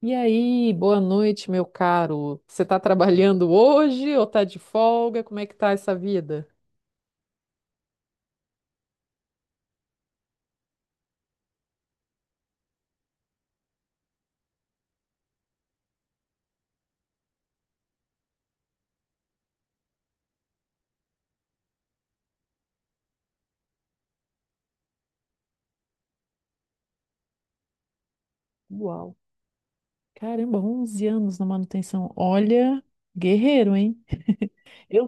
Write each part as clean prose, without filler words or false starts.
E aí, boa noite, meu caro. Você tá trabalhando hoje ou tá de folga? Como é que tá essa vida? Uau. Caramba, 11 anos na manutenção. Olha, guerreiro, hein? Eu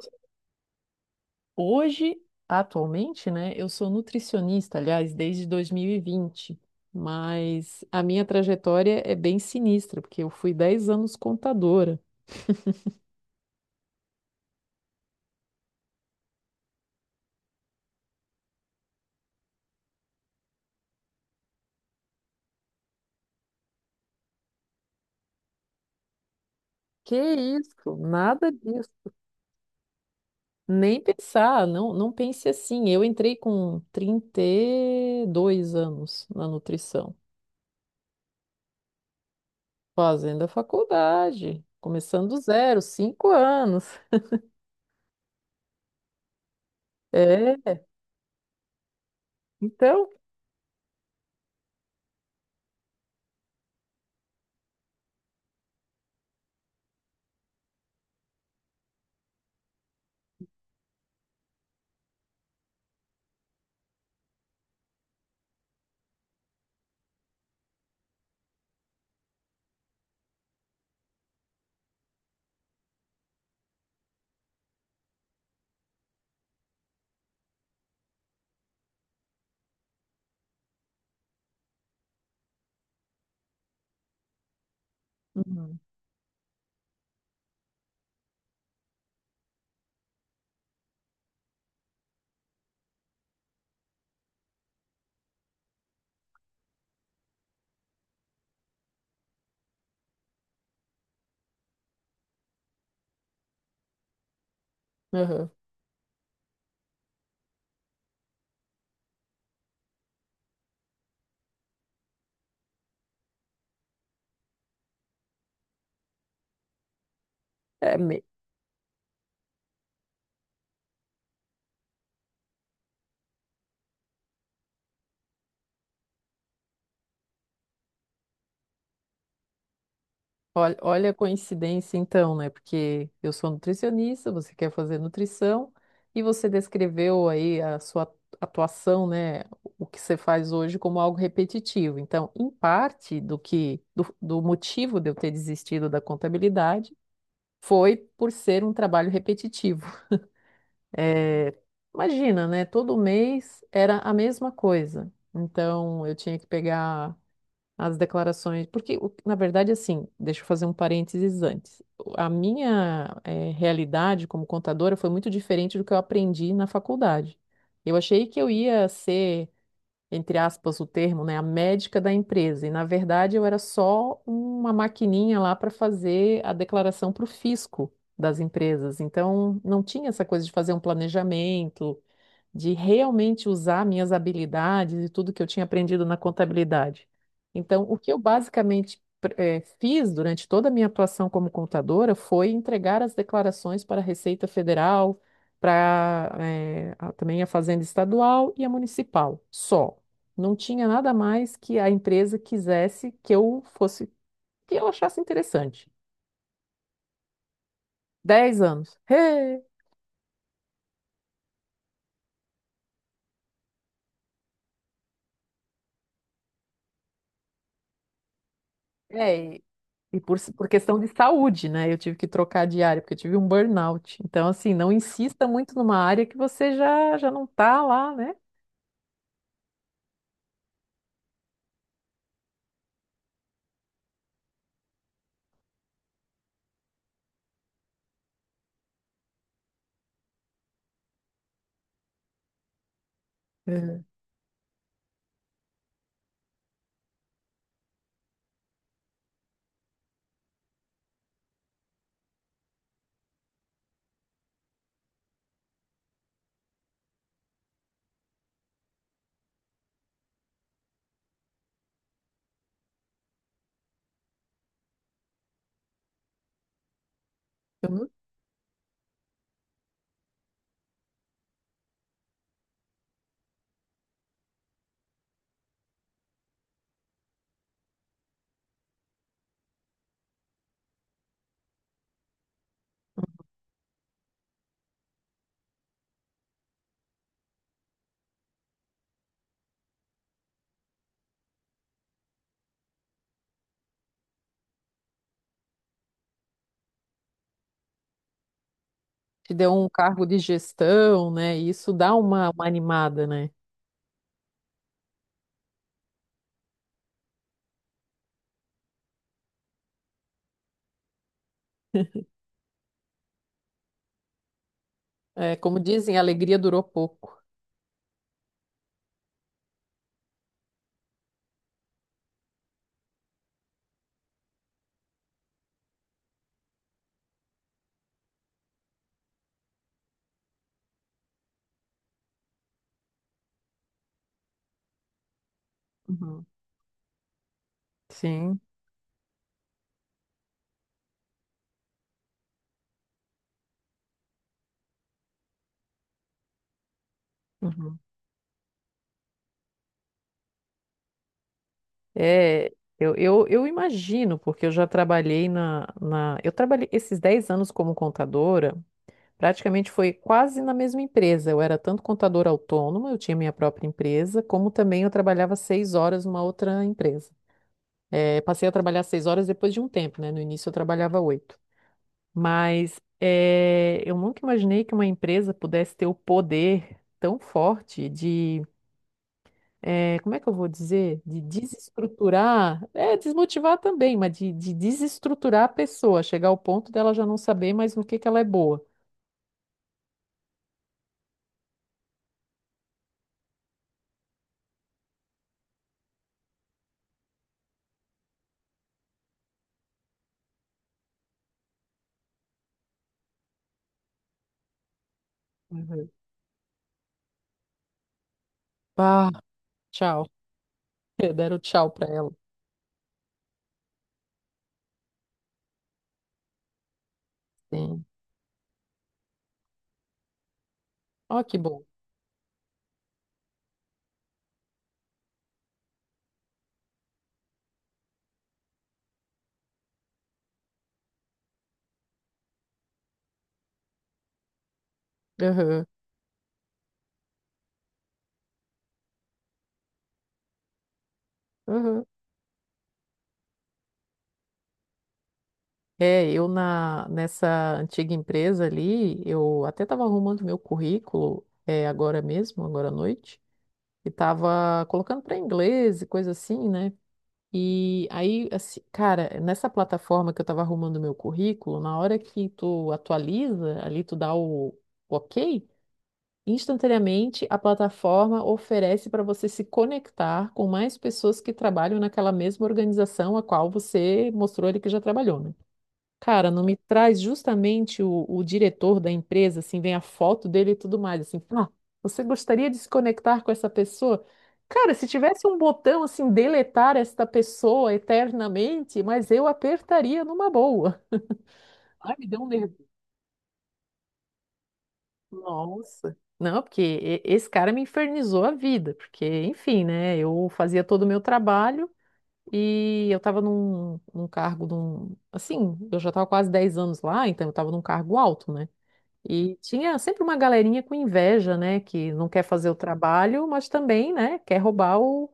hoje, atualmente, né, eu sou nutricionista, aliás, desde 2020, mas a minha trajetória é bem sinistra, porque eu fui 10 anos contadora. Que isso? Nada disso. Nem pensar, não, não pense assim. Eu entrei com 32 anos na nutrição, fazendo a faculdade, começando do zero, 5 anos. É, então. Uhum, aham. É, olha, olha a coincidência então, né? Porque eu sou nutricionista, você quer fazer nutrição e você descreveu aí a sua atuação, né? O que você faz hoje como algo repetitivo. Então, em parte do motivo de eu ter desistido da contabilidade foi por ser um trabalho repetitivo. É, imagina, né? Todo mês era a mesma coisa. Então, eu tinha que pegar as declarações, porque na verdade, assim, deixa eu fazer um parênteses antes. A minha realidade como contadora foi muito diferente do que eu aprendi na faculdade. Eu achei que eu ia ser, entre aspas, o termo, né, a médica da empresa, e na verdade eu era só uma maquininha lá para fazer a declaração para o fisco das empresas. Então, não tinha essa coisa de fazer um planejamento de realmente usar minhas habilidades e tudo que eu tinha aprendido na contabilidade. Então, o que eu basicamente fiz durante toda a minha atuação como contadora foi entregar as declarações para a Receita Federal, para também a Fazenda Estadual e a Municipal, só. Não tinha nada mais que a empresa quisesse que eu fosse, que eu achasse interessante. 10 anos. Hey! É, e por questão de saúde, né? Eu tive que trocar de área, porque eu tive um burnout. Então, assim, não insista muito numa área que você já não tá lá, né? É. Então, te deu um cargo de gestão, né? E isso dá uma animada, né? É, como dizem, a alegria durou pouco. Uhum. Sim. Uhum. É, eu imagino, porque eu já trabalhei na. Eu trabalhei esses 10 anos como contadora. Praticamente foi quase na mesma empresa. Eu era tanto contadora autônoma, eu tinha minha própria empresa, como também eu trabalhava 6 horas numa outra empresa. Passei a trabalhar 6 horas depois de um tempo, né? No início eu trabalhava oito. Mas eu nunca imaginei que uma empresa pudesse ter o poder tão forte de, como é que eu vou dizer? De desestruturar, é, desmotivar também, mas de desestruturar a pessoa, chegar ao ponto dela já não saber mais no que ela é boa. Uhum. Bah, tchau. Deram tchau pra ela. Sim. Ó, que bom. Aham, aham. É, eu nessa antiga empresa ali, eu até estava arrumando meu currículo, é, agora mesmo, agora à noite, e estava colocando para inglês e coisa assim, né? E aí, assim, cara, nessa plataforma que eu estava arrumando meu currículo, na hora que tu atualiza, ali tu dá o ok, instantaneamente, a plataforma oferece para você se conectar com mais pessoas que trabalham naquela mesma organização a qual você mostrou ali que já trabalhou, né? Cara, não me traz justamente o diretor da empresa, assim, vem a foto dele e tudo mais, assim, ah, você gostaria de se conectar com essa pessoa? Cara, se tivesse um botão assim, deletar esta pessoa eternamente, mas eu apertaria numa boa. Ai, me deu um. Nossa. Não, porque esse cara me infernizou a vida, porque, enfim, né? Eu fazia todo o meu trabalho e eu estava num cargo, assim, eu já estava quase 10 anos lá, então eu estava num cargo alto, né? E tinha sempre uma galerinha com inveja, né? Que não quer fazer o trabalho, mas também, né? Quer roubar o,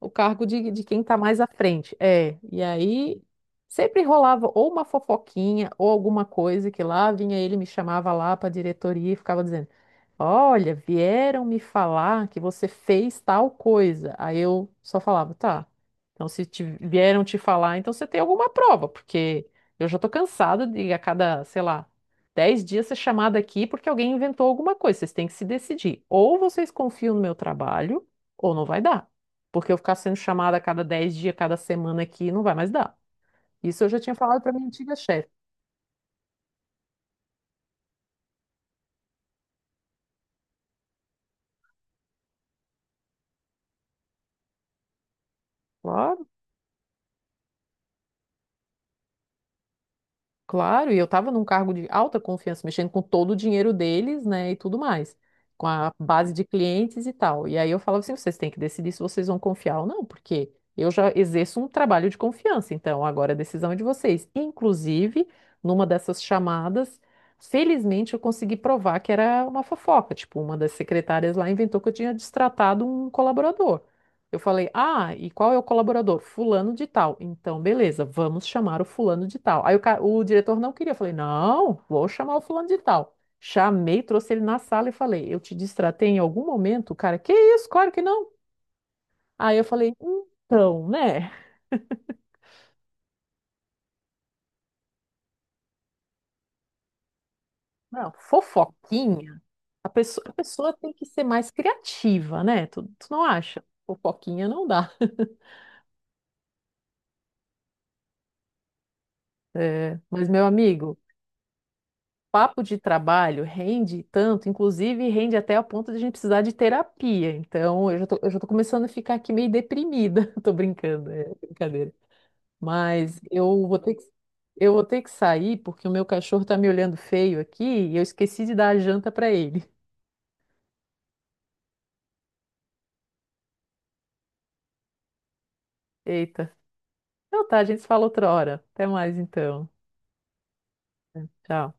o cargo de quem está mais à frente. É, e aí sempre rolava ou uma fofoquinha ou alguma coisa que lá vinha ele, me chamava lá para a diretoria e ficava dizendo. Olha, vieram me falar que você fez tal coisa. Aí eu só falava, tá. Então, se vieram te falar, então você tem alguma prova, porque eu já tô cansada de a cada, sei lá, 10 dias ser chamada aqui porque alguém inventou alguma coisa. Vocês têm que se decidir. Ou vocês confiam no meu trabalho, ou não vai dar. Porque eu ficar sendo chamada a cada 10 dias, cada semana aqui, não vai mais dar. Isso eu já tinha falado para minha antiga chefe. Claro, e eu estava num cargo de alta confiança, mexendo com todo o dinheiro deles, né, e tudo mais, com a base de clientes e tal. E aí eu falava assim, vocês têm que decidir se vocês vão confiar ou não, porque eu já exerço um trabalho de confiança, então agora a decisão é de vocês. Inclusive, numa dessas chamadas, felizmente eu consegui provar que era uma fofoca, tipo, uma das secretárias lá inventou que eu tinha destratado um colaborador. Eu falei, ah, e qual é o colaborador? Fulano de tal. Então, beleza, vamos chamar o fulano de tal. Aí o diretor não queria. Eu falei, não, vou chamar o fulano de tal. Chamei, trouxe ele na sala e falei, eu te distratei em algum momento? O cara, que isso? Claro que não. Aí eu falei, então, né? Não, fofoquinha. A pessoa tem que ser mais criativa, né? Tu não acha? Fofoquinha não dá. É, mas, meu amigo. Papo de trabalho rende tanto, inclusive rende até a ponto de a gente precisar de terapia. Então, eu já tô começando a ficar aqui meio deprimida. Tô brincando, é brincadeira. Mas eu vou ter que sair porque o meu cachorro tá me olhando feio aqui e eu esqueci de dar a janta para ele. Eita. Então tá, a gente se fala outra hora. Até mais então. Tchau.